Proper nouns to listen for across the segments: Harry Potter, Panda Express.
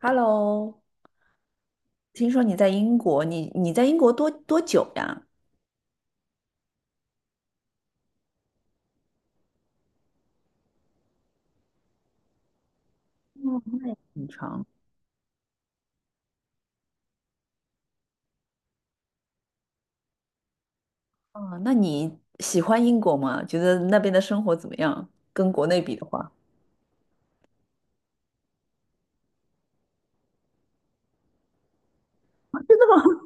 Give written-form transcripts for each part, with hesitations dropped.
Hello，听说你在英国，你在英国多久呀？很长。啊，那你喜欢英国吗？觉得那边的生活怎么样？跟国内比的话，啊真的吗？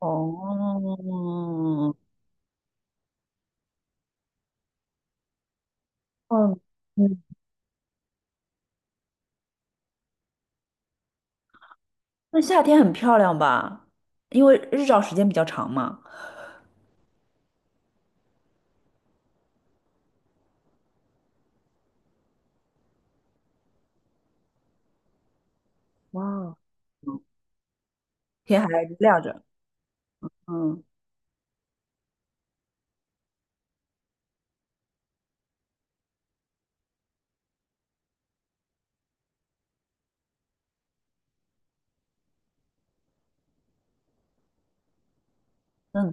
哦，嗯嗯，那夏天很漂亮吧？因为日照时间比较长嘛，哇，天还亮着。嗯，嗯。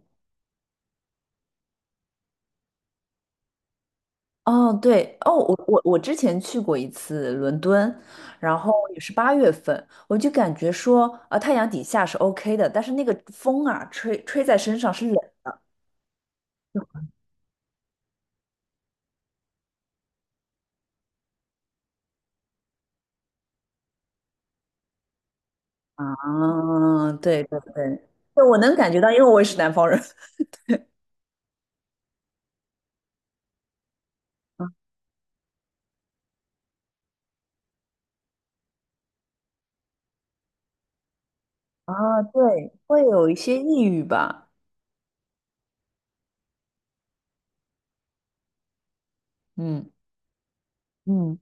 哦，对，哦，我之前去过一次伦敦，然后也是8月份，我就感觉说，太阳底下是 OK 的，但是那个风啊，吹在身上是冷的。啊，对对对，对，我能感觉到，因为我也是南方人。啊，对，会有一些抑郁吧，嗯嗯，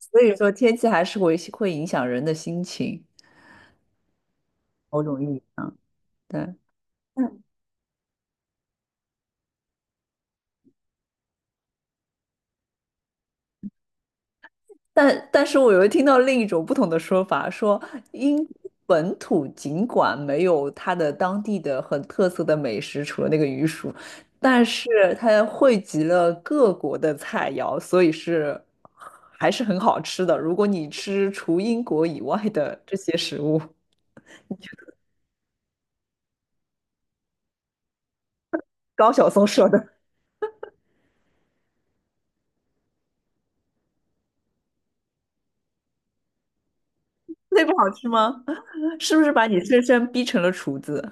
所以说天气还是会影响人的心情，某种意义上，对。嗯。但是我又听到另一种不同的说法，说英国本土尽管没有它的当地的很特色的美食，除了那个鱼薯，但是它汇集了各国的菜肴，所以是还是很好吃的。如果你吃除英国以外的这些食物，高晓松说的那不好吃吗？是不是把你深深逼成了厨子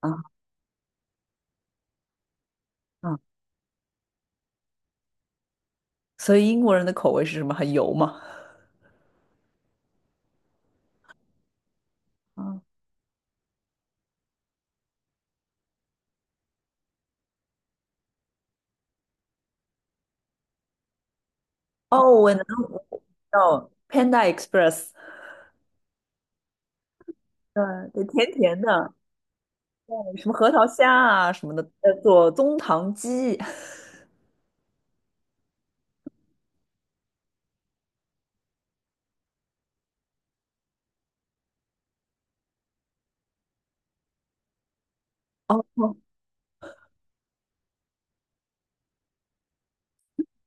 啊啊？所以英国人的口味是什么？很油吗？啊哦，我能哦 Panda Express，嗯，对，甜甜的，什么核桃虾啊什么的，叫做中糖鸡，哦，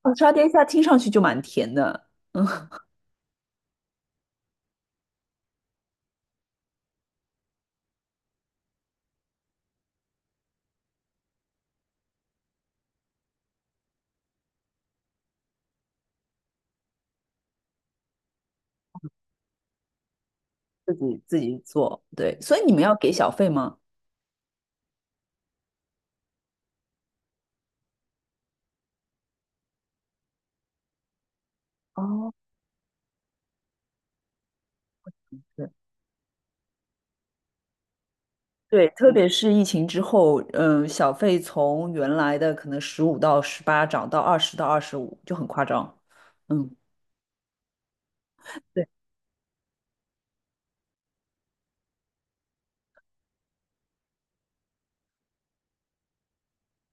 哦沙爹虾听上去就蛮甜的，嗯，自己做，对，所以你们要给小费吗？对，对，特别是疫情之后，嗯，小费从原来的可能15到18涨到20到25，就很夸张，嗯。对。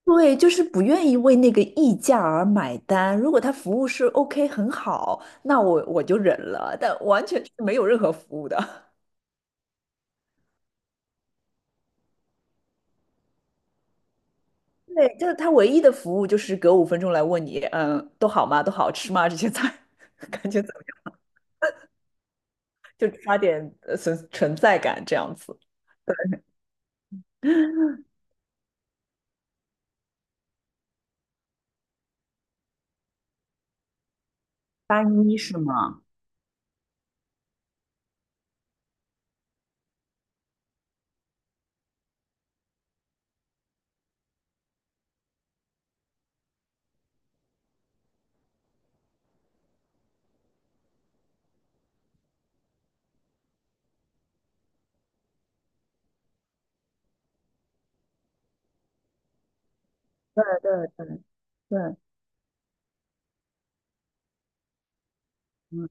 对，就是不愿意为那个溢价而买单。如果他服务是 OK 很好，那我就忍了，但完全是没有任何服务的。对，就是他唯一的服务就是隔5分钟来问你，嗯，都好吗？都好吃吗？这些菜 感觉怎么样？就刷点存在感这样子。单一是吗？对，对对对，嗯，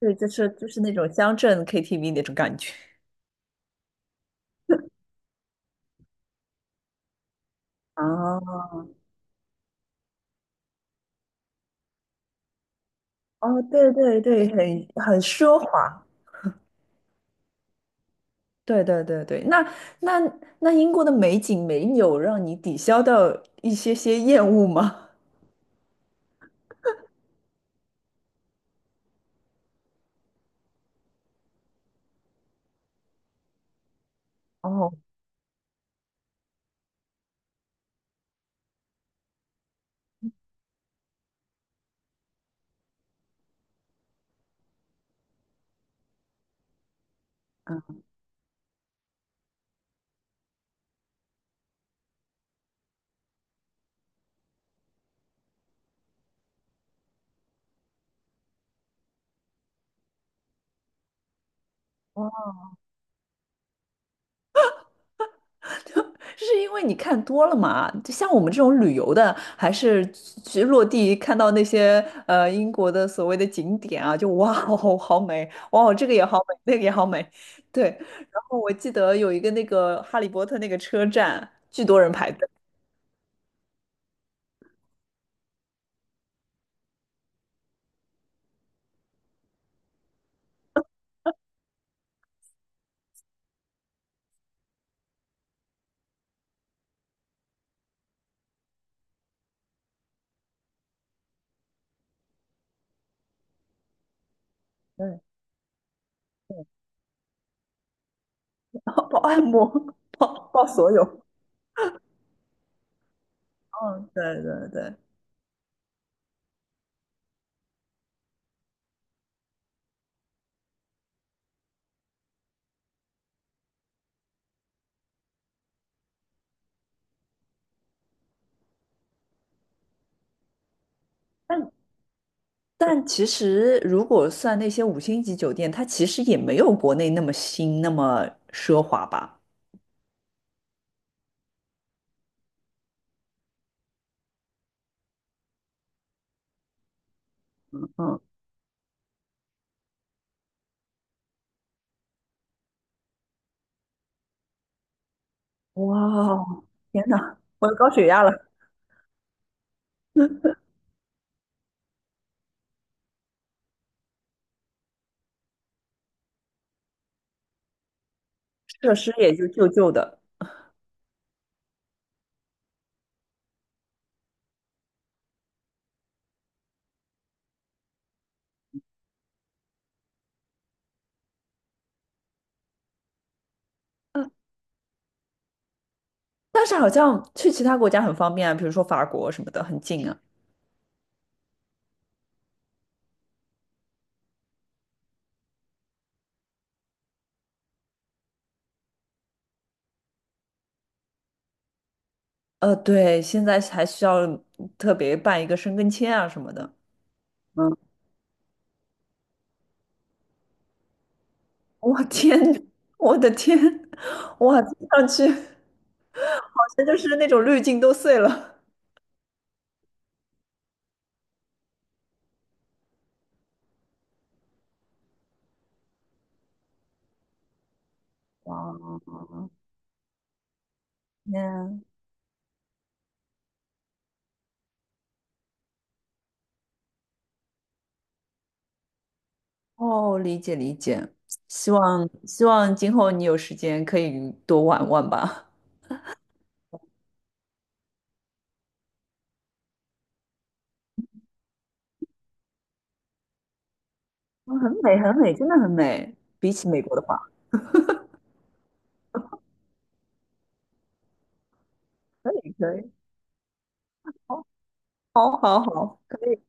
对，就是就是那种乡镇 KTV 那种感觉。啊，哦，对对对，很奢华，对对对对，那那英国的美景没有让你抵消掉一些些厌恶吗？哦，嗯，哦，是因为你看多了嘛？就像我们这种旅游的，还是去落地看到那些英国的所谓的景点啊，就哇哦好美，哇哦这个也好美，那个也好美，对。然后我记得有一个那个哈利波特那个车站，巨多人排队，对，报按摩 报所有。嗯，对对对，但其实如果算那些5星级酒店，它其实也没有国内那么新，那么奢华吧。嗯，哇，天哪，我有高血压了，设施也就旧旧的。但是好像去其他国家很方便啊，比如说法国什么的，很近啊。对，现在还需要特别办一个申根签啊什么的。嗯，我天，我的天，哇，听上去好像就是那种滤镜都碎了。哇，天！哦，理解理解，希望今后你有时间可以多玩玩吧。哦很美，很美，真的很美。比起美国的话，可以可以，好，好，好，好，可以，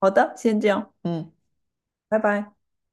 好的，先这样，嗯，拜拜。